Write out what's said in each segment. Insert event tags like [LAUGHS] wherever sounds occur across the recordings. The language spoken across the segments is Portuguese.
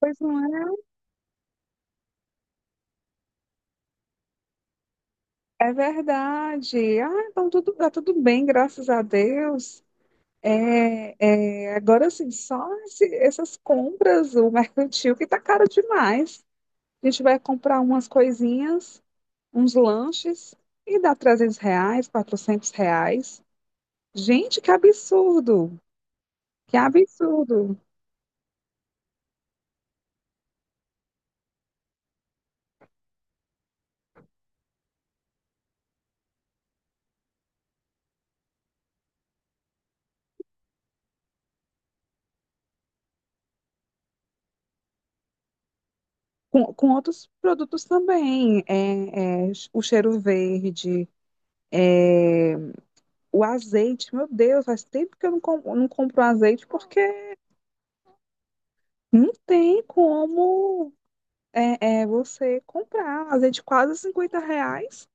Pois não é? É verdade. Ah, então tá tudo bem, graças a Deus. Agora, assim, só essas compras, o [LAUGHS] mercantil, que tá caro demais. A gente vai comprar umas coisinhas, uns lanches, e dá R$ 300, R$ 400. Gente, que absurdo! Que absurdo! Com outros produtos também, o cheiro verde, o azeite. Meu Deus, faz tempo que eu não compro azeite, porque não tem como você comprar azeite de quase R$ 50.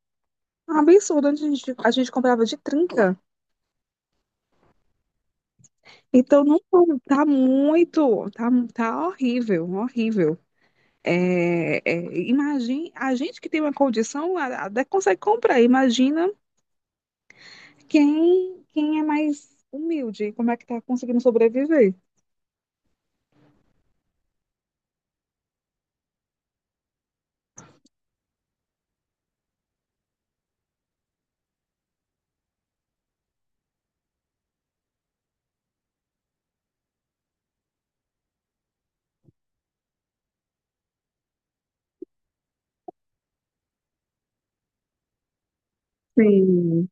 Um absurdo, antes a gente comprava de 30. Então não tá muito, tá horrível, horrível. É, é, imagine, a gente que tem uma condição até consegue comprar. Imagina quem é mais humilde, como é que tá conseguindo sobreviver. Sim.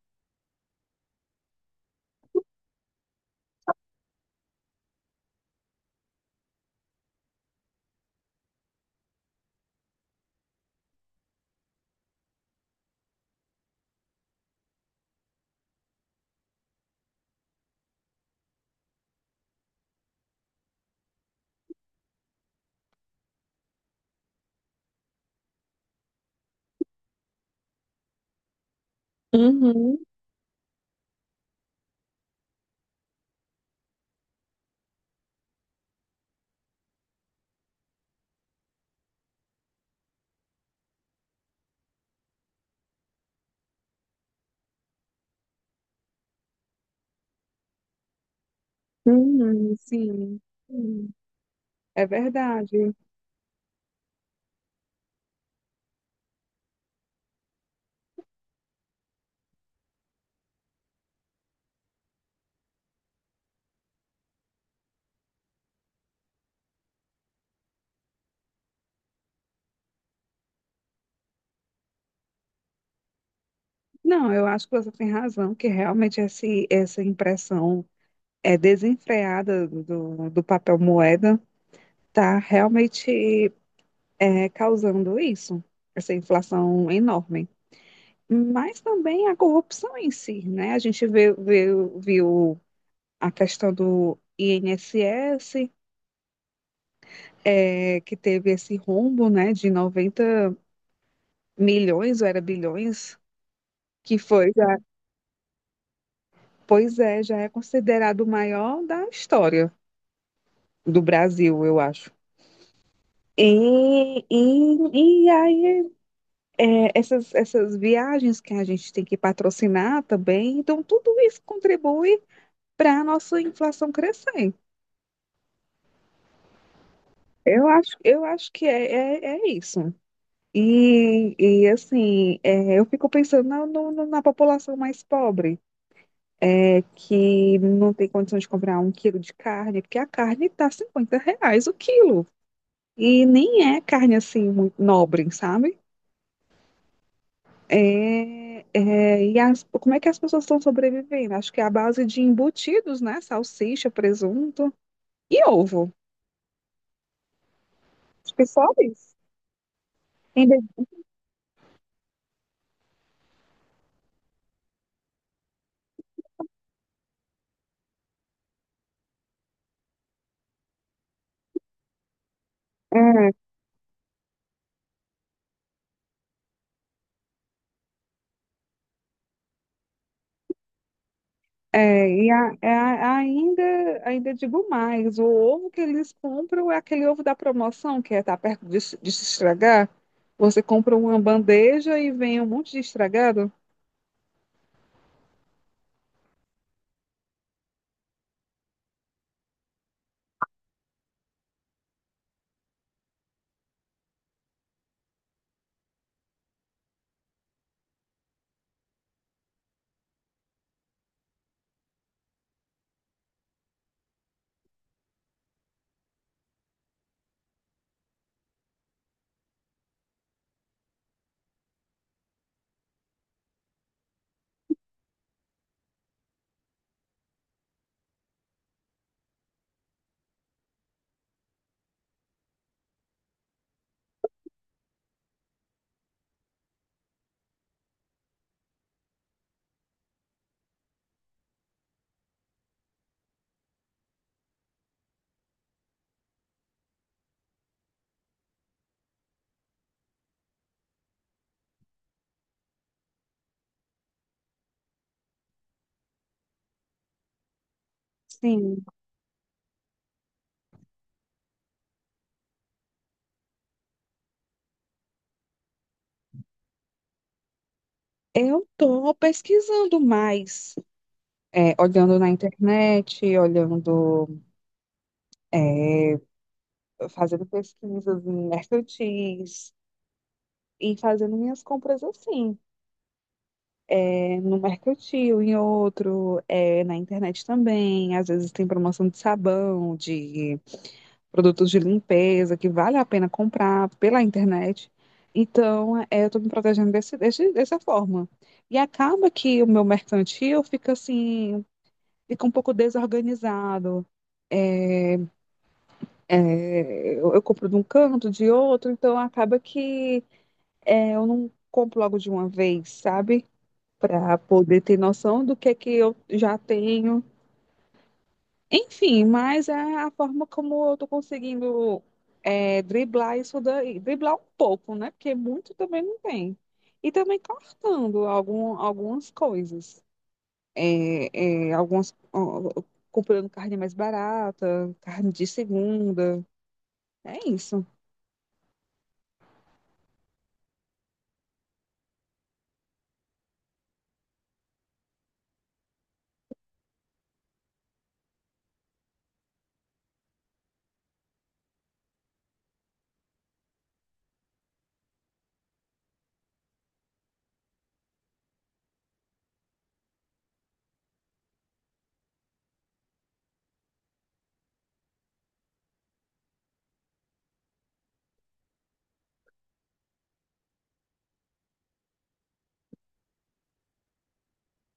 Uhum, uhum, sim. Sim. É verdade. Não, eu acho que você tem razão, que realmente essa impressão é desenfreada do papel moeda está realmente causando isso, essa inflação enorme. Mas também a corrupção em si, né? A gente viu a questão do INSS, que teve esse rombo, né, de 90 milhões, ou era bilhões, que foi já, pois é, já é considerado o maior da história do Brasil, eu acho. E aí, essas viagens que a gente tem que patrocinar também, então tudo isso contribui para a nossa inflação crescer. Eu acho que é isso. E assim, eu fico pensando na, no- no- na população mais pobre, que não tem condição de comprar um quilo de carne, porque a carne tá R$ 50 o quilo. E nem é carne assim muito nobre, sabe? Como é que as pessoas estão sobrevivendo? Acho que é a base de embutidos, né? Salsicha, presunto e ovo. Acho que só isso. Ainda, é, é, e a- é, a- Ainda digo mais, o ovo que eles compram é aquele ovo da promoção, que tá perto de se estragar. Você compra uma bandeja e vem um monte de estragado. Sim, eu tô pesquisando mais, olhando na internet, olhando é, fazendo pesquisas em mercantis e fazendo minhas compras assim. No mercantil, em outro, na internet também. Às vezes tem promoção de sabão, de produtos de limpeza que vale a pena comprar pela internet. Então, eu estou me protegendo dessa forma. E acaba que o meu mercantil fica assim, fica um pouco desorganizado. É, eu compro de um canto, de outro, então acaba que eu não compro logo de uma vez, sabe? Para poder ter noção do que é que eu já tenho. Enfim, mas é a forma como eu tô conseguindo driblar isso daí. Driblar um pouco, né? Porque muito também não tem. E também cortando algumas coisas. Algumas, ó, comprando carne mais barata, carne de segunda. É isso.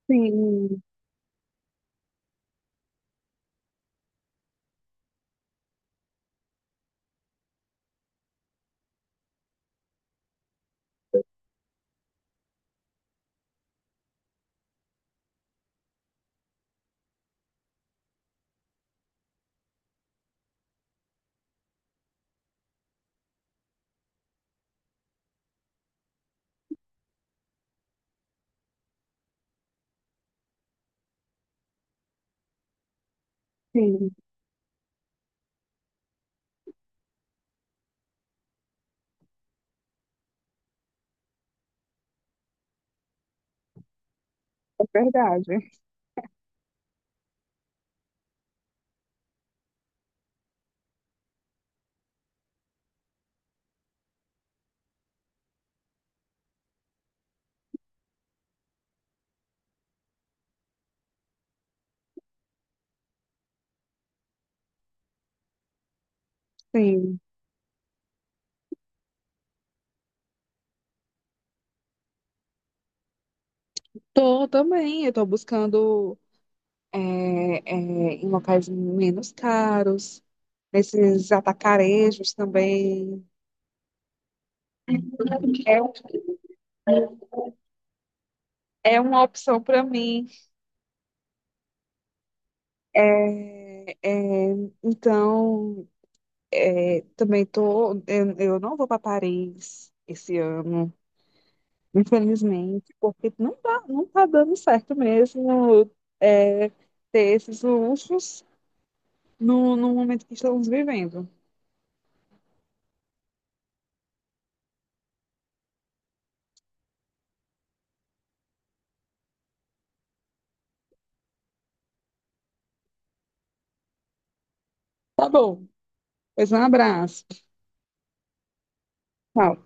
Sim, sim, é verdade. Sim. Tô também, eu tô buscando é, em locais menos caros, nesses atacarejos também. É, um, é uma opção para mim. É, é, então, também, eu não vou para Paris esse ano, infelizmente, porque não tá dando certo mesmo é, ter esses luxos no momento que estamos vivendo. Tá bom, pois um abraço. Tchau.